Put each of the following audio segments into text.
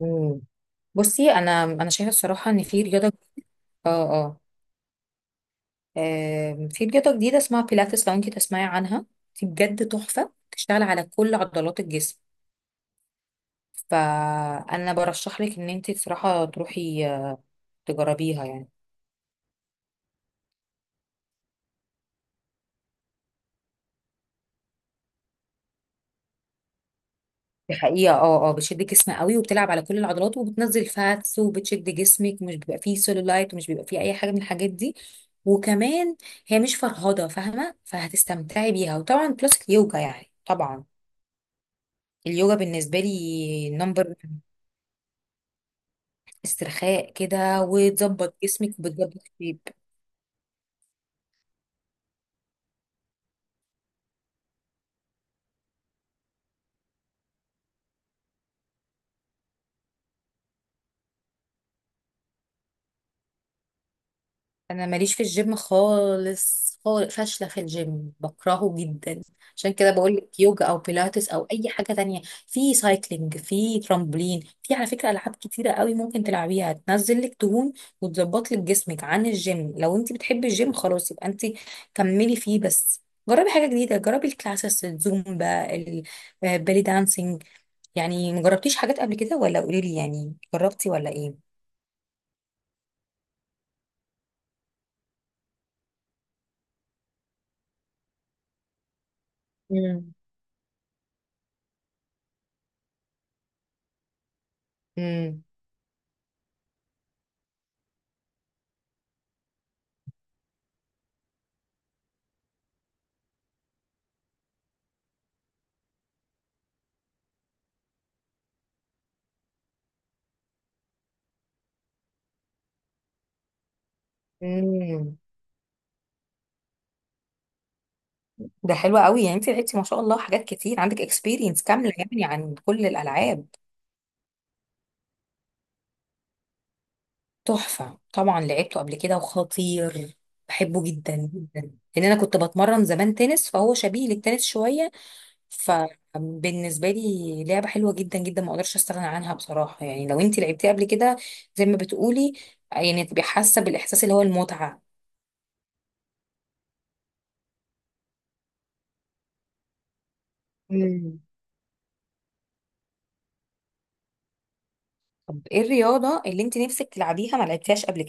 مم. بصي انا شايفه الصراحه ان في رياضه اه اه آم، في رياضة جديدة اسمها بيلاتس لو انتي تسمعي عنها. دي بجد تحفة بتشتغل على كل عضلات الجسم. فأنا برشح لك إن انتي بصراحة تروحي تجربيها يعني. دي حقيقة، بتشد الجسم قوي وبتلعب على كل العضلات وبتنزل فاتس وبتشد جسمك، ومش بيبقى فيه سيلولايت ومش بيبقى فيه أي حاجة من الحاجات دي. وكمان هي مش فرهضة، فاهمة؟ فهتستمتعي بيها. وطبعا بلس اليوجا يعني، طبعا اليوجا بالنسبة لي نمبر استرخاء كده، وتظبط جسمك وبتظبط شيب. انا ماليش في الجيم خالص خالص، فاشله في الجيم، بكرهه جدا. عشان كده بقول لك يوجا او بيلاتس او اي حاجه تانية. في سايكلينج، في ترامبولين، في على فكره العاب كتيره قوي ممكن تلعبيها تنزل لك دهون وتظبط لك جسمك عن الجيم. لو انت بتحبي الجيم خلاص يبقى انت كملي فيه، بس جربي حاجه جديده. جربي الكلاسس، الزومبا، البالي دانسينج. يعني مجربتيش حاجات قبل كده، ولا قولي لي يعني جربتي ولا ايه؟ امم امم امم ده حلو قوي. يعني انت لعبتي ما شاء الله حاجات كتير، عندك اكسبيرينس كامله يعني عن كل الالعاب. تحفه، طبعا لعبته قبل كده، وخطير. بحبه جدا جدا، لان انا كنت بتمرن زمان تنس، فهو شبيه للتنس شويه. فبالنسبه لي لعبه حلوه جدا جدا، ما اقدرش استغنى عنها بصراحه. يعني لو انت لعبتيها قبل كده زي ما بتقولي، يعني تبقي حاسه بالاحساس اللي هو المتعه. امم. طب ايه الرياضه اللي انت نفسك تلعبيها ما لعبتيهاش قبل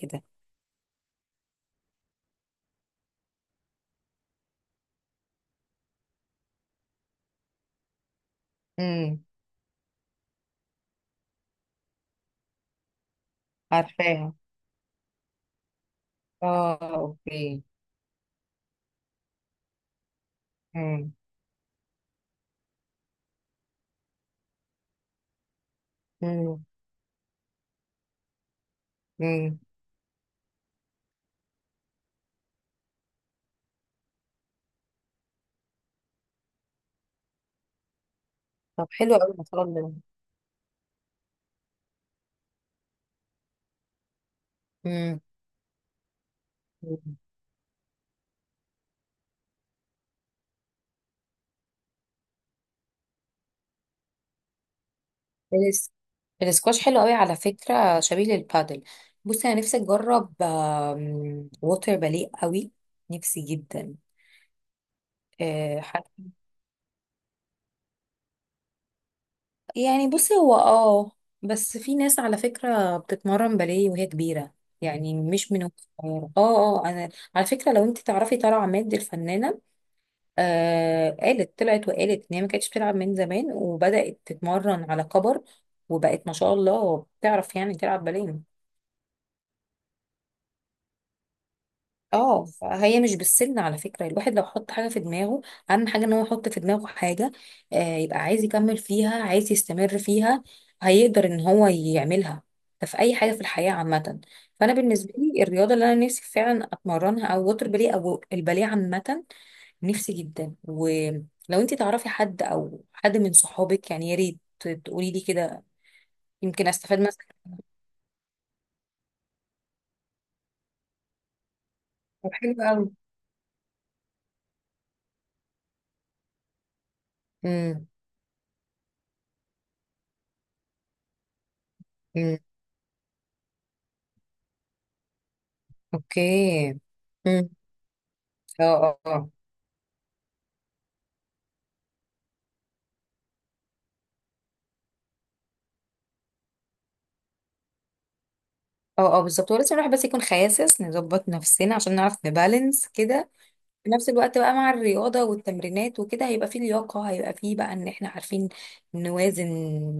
كده؟ عارفاها، اه اوكي. امم امم امم طب حلو قوي ما شاء الله. امم الس- الاسكواش حلو قوي على فكرة شبيه للبادل بصي انا نفسي اجرب آم، ووتر باليه قوي نفسي جدا آه، ح- يعني بصي هو اه بس في ناس على فكرة بتتمرن باليه وهي كبيرة يعني مش من وهي صغيرة اه اه انا على فكرة لو انت تعرفي طلع عماد الفنانة آه قالت طلعت وقالت ان هي ما كانتش بتلعب من زمان وبدأت تتمرن على كبر وبقت ما شاء الله بتعرف يعني تلعب باليه اه فهي مش بالسن على فكرة الواحد لو حط حاجة في دماغه اهم حاجة ان هو يحط في دماغه حاجة آه يبقى عايز يكمل فيها عايز يستمر فيها هيقدر ان هو يعملها ده في اي حاجة في الحياة عامة فانا بالنسبة لي الرياضة اللي انا نفسي فعلا اتمرنها او وتر باليه او الباليه عامة نفسي جدا ولو انت تعرفي حد او حد من صحابك يعني يا ريت تقولي لي كده يمكن استفاد مثلا طب حلو قوي امم امم اوكي امم. اه اه اه اه بالظبط، ولازم الواحد بس يكون خاسس، نظبط نفسنا عشان نعرف نبالانس كده في نفس الوقت بقى مع الرياضة والتمرينات وكده. هيبقى فيه لياقة، هيبقى فيه بقى ان احنا عارفين نوازن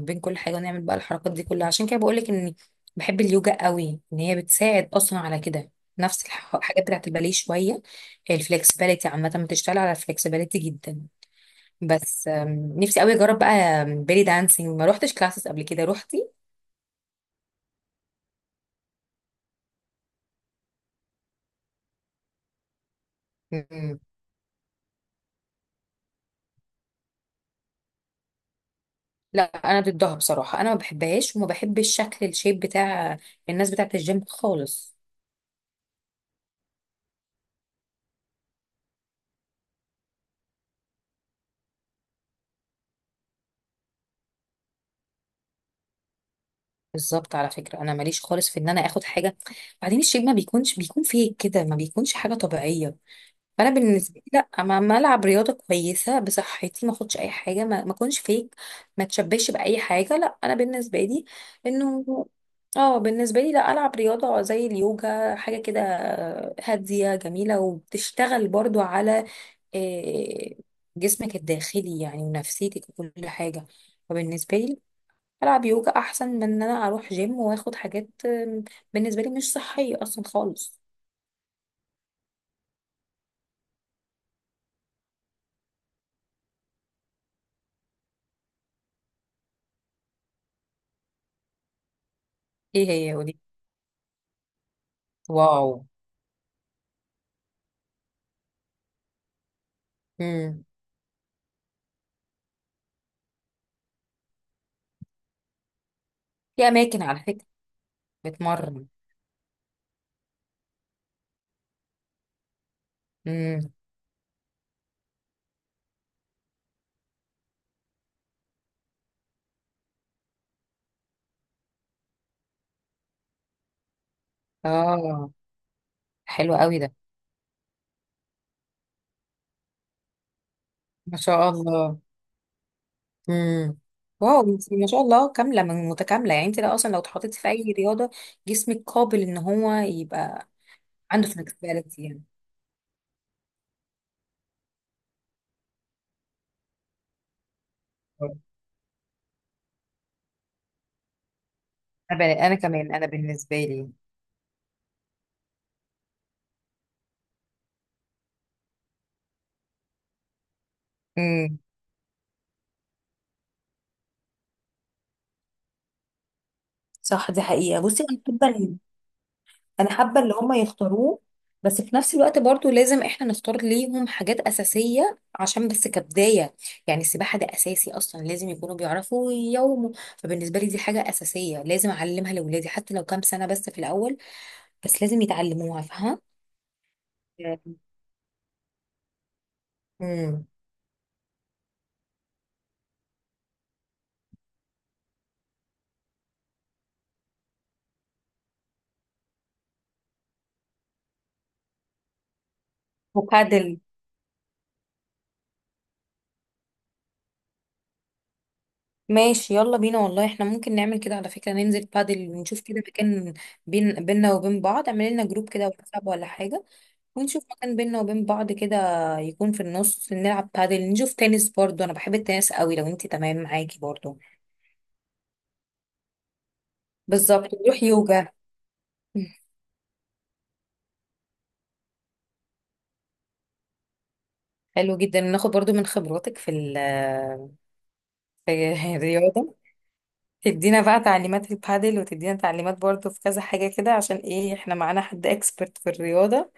بين كل حاجة ونعمل بقى الحركات دي كلها. عشان كده بقولك اني بحب اليوجا قوي، ان هي بتساعد اصلا على كده، نفس الحاجات بتاعت الباليه شوية. الفلكسبيليتي عامة، بتشتغل على الفلكسبيليتي جدا. بس نفسي قوي اجرب بقى بيلي دانسينج، ما روحتش كلاسز قبل كده روحتي. مم. لا انا ضدها بصراحة، انا ما بحبهاش وما بحبش شكل الشيب بتاع الناس بتاعت الجيم خالص. بالظبط، على فكرة أنا ماليش خالص في إن أنا آخد حاجة، بعدين الشيب ما بيكونش بيكون فيك كده، ما بيكونش حاجة طبيعية. فأنا بالنسبة لي لأ، ما ما ألعب رياضة كويسة بصحتي، ما أخدش أي حاجة، ما ما أكونش فيك، ما تشبهش بأي حاجة. لأ أنا بالنسبة لي إنه، اه بالنسبة لي لأ ألعب رياضة زي اليوجا، حاجة كده هادية جميلة وبتشتغل برضو على آه، جسمك الداخلي يعني، ونفسيتك وكل حاجة. فبالنسبة لي العب يوجا احسن من ان انا اروح جيم واخد حاجات بالنسبه لي مش صحيه اصلا خالص. ايه هي ودي؟ واو. امم. في اماكن على فكره بتمرن. امم. اه، حلو قوي ده، ما شاء الله. امم. واو، انت ما شاء الله كامله من متكامله، يعني انت لو اصلا لو اتحطيتي في اي رياضه جسمك قابل ان هو يبقى عنده فلكسبيليتي يعني. انا انا كمان انا بالنسبه لي. امم. صح، دي حقيقه. بصي انا بحب انا حابه اللي هم يختاروه، بس في نفس الوقت برضو لازم احنا نختار ليهم حاجات اساسيه عشان بس كبدايه. يعني السباحه ده اساسي اصلا، لازم يكونوا بيعرفوا يومه. فبالنسبه لي دي حاجه اساسيه، لازم اعلمها لاولادي حتى لو كام سنه بس في الاول، بس لازم يتعلموها، فاهمه؟ امم. وبادل. ماشي يلا بينا، والله احنا ممكن نعمل كده على فكره، ننزل بادل ونشوف كده مكان بين بيننا وبين بعض. اعمل لنا جروب كده واتساب ولا حاجه، ونشوف مكان بينا وبين بعض كده، يكون في النص. نلعب بادل، نشوف تنس برضو، انا بحب التنس قوي لو انت تمام معاكي برضو. بالظبط، نروح يوجا مم. حلو جدا، ناخد برضو من خبراتك في ال في الرياضة، تدينا بقى تعليمات في البادل، وتدينا تعليمات برضو في كذا حاجة كده. عشان ايه؟ احنا معانا حد اكسبرت في الرياضة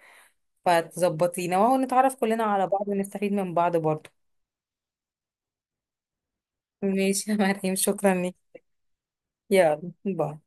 فتظبطينا، وهو نتعرف كلنا على بعض ونستفيد من بعض برضو. ماشي يا مريم، شكرا لك. يلا باي.